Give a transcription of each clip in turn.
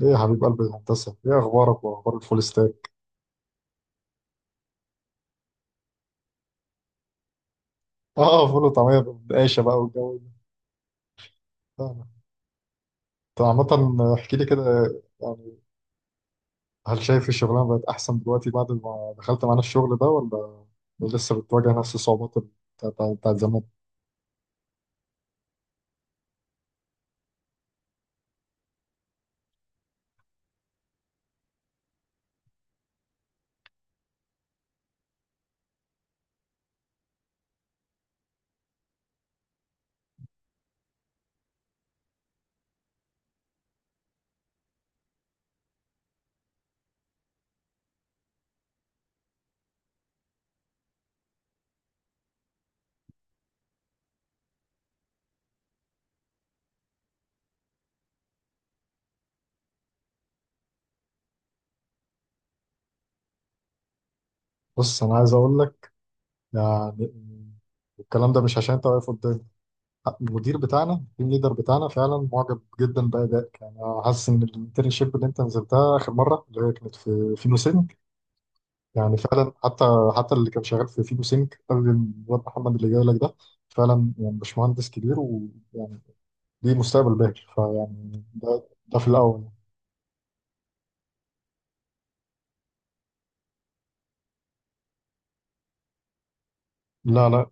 ليه يا حبيب قلبي الهندسة؟ إيه أخبارك وأخبار الفول ستاك؟ آه، فول وطعمية بالقاشة بقى والجو ده. فاهمك. أنت عامة احكي لي كده، يعني هل شايف الشغلانة بقت أحسن دلوقتي بعد ما دخلت معانا الشغل ده ولا لسه بتواجه نفس الصعوبات بتاعت زمان؟ بص أنا عايز أقول لك، يعني الكلام ده مش عشان أنت واقف قدامي. المدير بتاعنا، التيم ليدر بتاعنا، فعلا معجب جدا بأدائك. يعني أنا حاسس إن الانترنشيب اللي أنت نزلتها آخر مرة اللي هي كانت في نوسيب، يعني فعلا. حتى اللي كان شغال في فيجو سينك قبل الواد محمد اللي جاي لك ده، فعلا يعني باشمهندس كبير، ويعني ليه مستقبل باهر. فيعني ده في الاول. لا،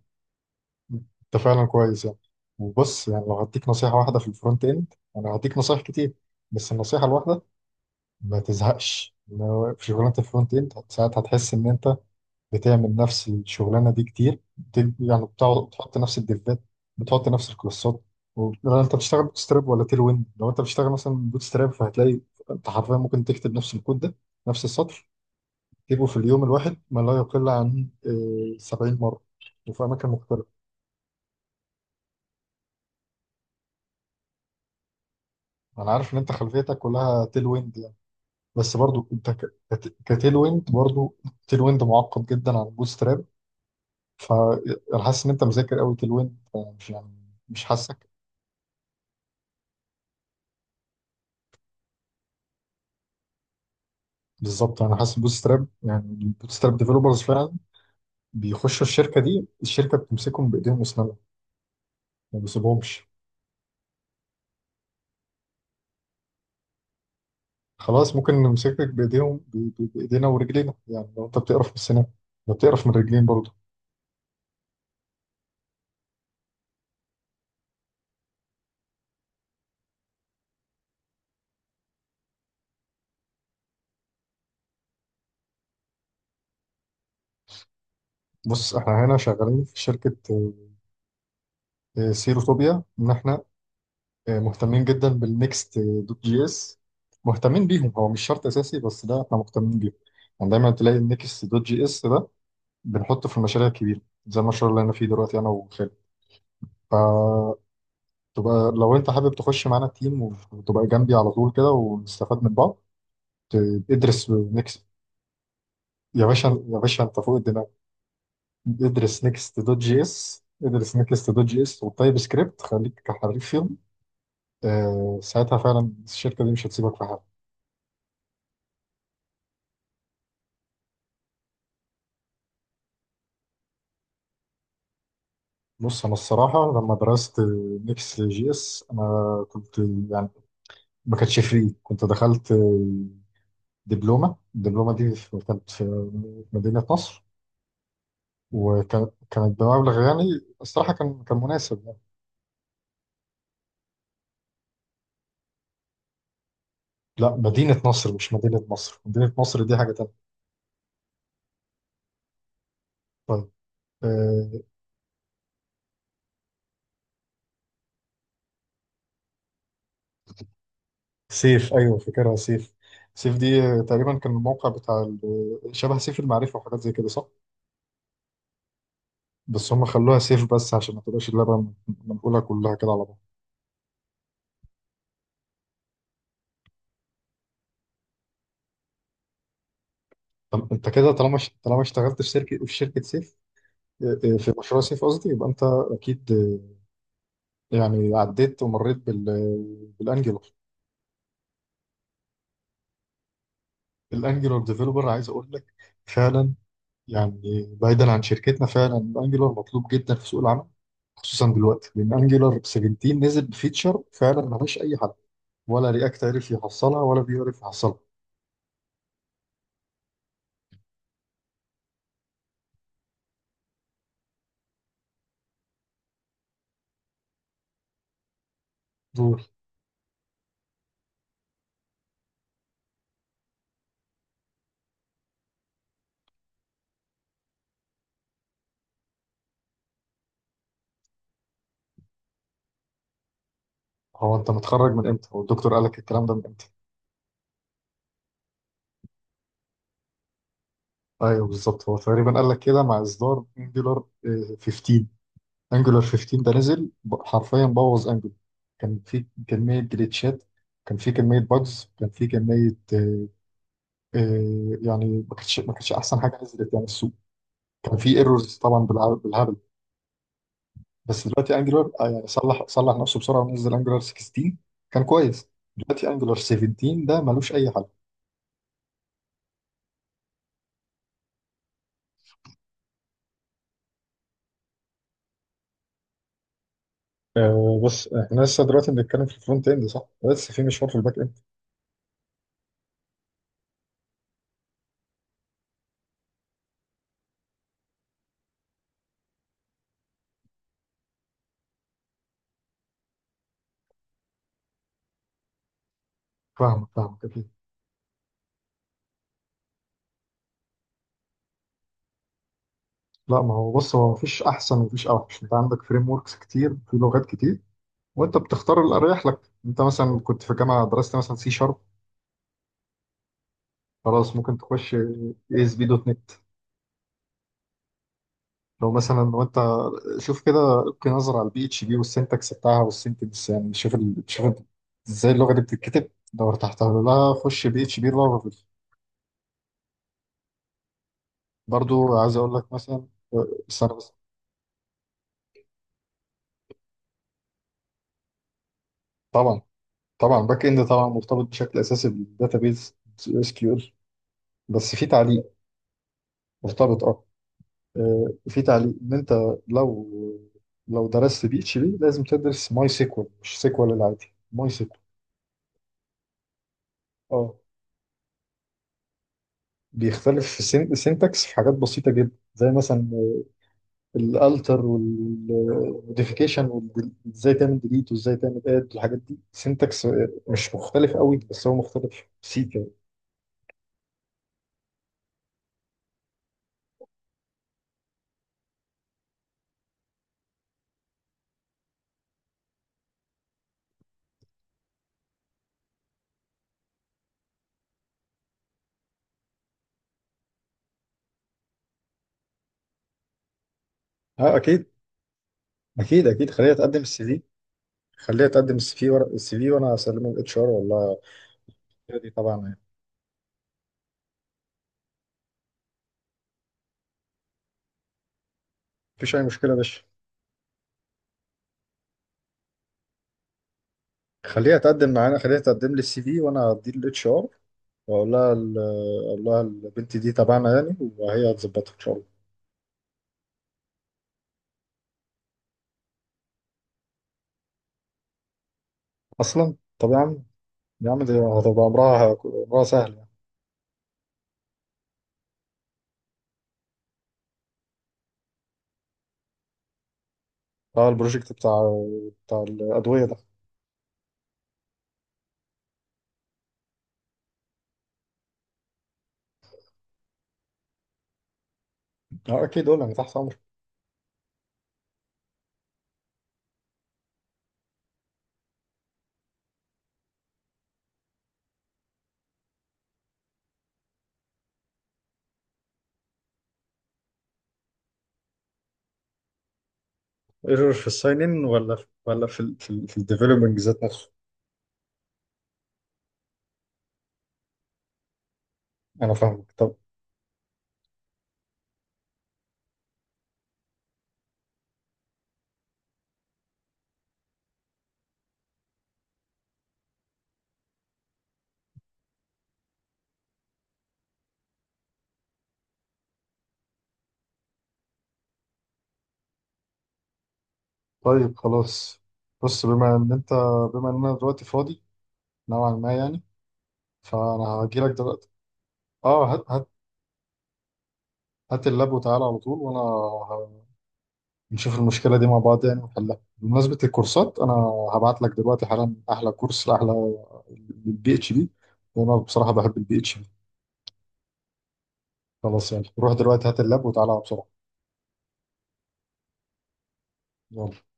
انت فعلا كويس يعني. وبص، يعني لو هديك نصيحه واحده في الفرونت اند، انا هديك نصايح كتير، بس النصيحه الواحده: ما تزهقش. لو في شغلانه الفرونت اند ساعات هتحس ان انت بتعمل نفس الشغلانه دي كتير، يعني بتقعد بتحط نفس الدفات، بتحط نفس الكلاسات، لو انت بتشتغل بوت ستراب ولا تيل ويند. لو انت بتشتغل مثلا بوت ستراب فهتلاقي انت حرفيا ممكن تكتب نفس الكود ده، نفس السطر، تكتبه في اليوم الواحد ما لا يقل عن 70 مره، وفي اماكن مختلفه. انا عارف ان انت خلفيتك كلها تيل ويند يعني، بس برضو انت كتيل ويند برضو. تيل ويند معقد جدا عن بوت ستراب، فانا حاسس ان انت مذاكر قوي تيل ويند، مش يعني مش حاسك. بالظبط، انا حاسس بوت ستراب، يعني البوت ستراب ديفلوبرز فعلا بيخشوا الشركه دي، الشركه بتمسكهم بايديهم واسنانها، ما بيسيبهمش. خلاص، ممكن نمسكك بايدينا ورجلينا. يعني لو انت بتقرف من السنان، ما بتقرف من الرجلين برضه. بص، احنا هنا شغالين في شركه سيروتوبيا، ان احنا مهتمين جدا بالنكست دوت جي اس. مهتمين بيهم، هو مش شرط اساسي بس ده احنا مهتمين بيهم. يعني دايما تلاقي النكست دوت جي اس ده بنحطه في المشاريع الكبيره، زي المشروع اللي انا فيه دلوقتي، انا وخالد. تبقى لو انت حابب تخش معانا التيم وتبقى جنبي على طول كده ونستفاد من بعض، ادرس نيكست. يا باشا يا باشا انت فوق الدماغ. ادرس نيكست دوت جي اس، ادرس نيكست دوت جي اس والتايب سكريبت، خليك حريف فيهم. آه، ساعتها فعلا الشركه دي مش هتسيبك في حالك. بص، انا الصراحه لما درست نيكست جي اس انا كنت، يعني ما كانتش فري. كنت دخلت دبلومه، كانت في مدينه نصر، وكانت بمبلغ يعني الصراحة كان مناسب يعني. لا، مدينة نصر مش مدينة مصر، مدينة نصر دي حاجة تانية. طيب، آه. سيف، أيوه فاكرها سيف. سيف دي آه، تقريبا كان الموقع بتاع شبه سيف المعرفة وحاجات زي كده، صح؟ بس هم خلوها سيف بس عشان ما تبقاش اللعبة منقولة كلها كده على بعض. طب انت كده طالما اشتغلت في شركة سيف، آه، آه، في مشروع سيف قصدي، يبقى انت اكيد آه، يعني عديت ومريت بال آه، بالانجلر. الانجلر ديفلوبر عايز اقول لك فعلا، يعني بعيدا عن شركتنا، فعلا انجلر مطلوب جدا في سوق العمل، خصوصا دلوقتي لان انجلر 17 نزل بفيتشر فعلا ملهاش اي حل، ولا رياكت عرف يحصلها ولا بيعرف يحصلها. دول هو انت متخرج من امتى؟ هو الدكتور قال لك الكلام ده من امتى؟ ايوه بالظبط، هو تقريبا قال لك كده مع اصدار انجلر 15. انجلر 15 ده نزل حرفيا بوظ انجلر. كان في كميه جليتشات، كان في كميه باجز، كان في كميه يعني ما كانتش احسن حاجه نزلت يعني السوق. كان في ايرورز طبعا بالهبل. بس دلوقتي انجلر آه، يعني صلح نفسه بسرعه ونزل انجلر 16، كان كويس. دلوقتي انجلر 17 ده ملوش اي حل. آه، بص احنا لسه دلوقتي بنتكلم في الفرونت اند، صح؟ بس في مشوار في الباك اند. فاهمك فاهمك اكيد. لا، ما هو بص، هو مفيش احسن ومفيش اوحش. انت عندك فريم وركس كتير في لغات كتير، وانت بتختار اللي اريح لك. انت مثلا كنت في جامعه درست مثلا سي شارب، خلاص ممكن تخش اي اس بي دوت نت. لو مثلا، وانت شوف كده، القي نظرة على البي اتش بي والسنتكس بتاعها والسنتنس، يعني شوف ال... شوف انت ازاي اللغة دي بتتكتب. لو ارتحت لها خش بي اتش بي لارافيل. برضو عايز اقول لك مثلا، بس انا بس طبعا، طبعا باك اند طبعا مرتبط بشكل اساسي بالداتابيز، اس كيو ال. بس في تعليق، مرتبط اه. آه، في تعليق ان انت، لو لو درست بي اتش بي لازم تدرس ماي سيكوال، مش سيكوال العادي، ماي سيكوال. اه، بيختلف في السينتاكس في حاجات بسيطة جدا، زي مثلا الالتر والموديفيكيشن، وازاي تعمل ديليت وازاي تعمل اد والحاجات دي سينتاكس. مش مختلف قوي، بس هو مختلف بسيط يعني. اه اكيد، اكيد اكيد. خليها تقدم السي في، خليها تقدم السي في، ورق السي في وانا اسلمه الاتش ار والله. دي طبعا يعني مفيش اي مشكله يا باشا. خليها تقدم معانا، خليها تقدم لي السي في وانا هديه الاتش ار، واقول لها ال-، اقول لها البنت دي تبعنا يعني، وهي هتظبطها ان شاء الله. اصلا طبعا. يا عم دي هتبقى امرها، امرها سهل يعني. اه البروجكت بتاع الادويه ده. اه اكيد، قول انا تحت امرك. ايرور في الساين ان ولا في الديفلوبمنج ذات نفسه؟ انا فاهمك، طب طيب خلاص. بص، بما ان انا دلوقتي فاضي نوعا ما يعني، فانا هجيلك دلوقتي. اه، هات، هات اللاب وتعالى على طول، وانا نشوف المشكله دي مع بعض يعني ونحلها. بمناسبه الكورسات، انا هبعت لك دلوقتي حالا احلى كورس، احلى البي اتش بي، وانا بصراحه بحب البي اتش. خلاص يلا، روح دلوقتي هات اللاب وتعالى بسرعة. يلا.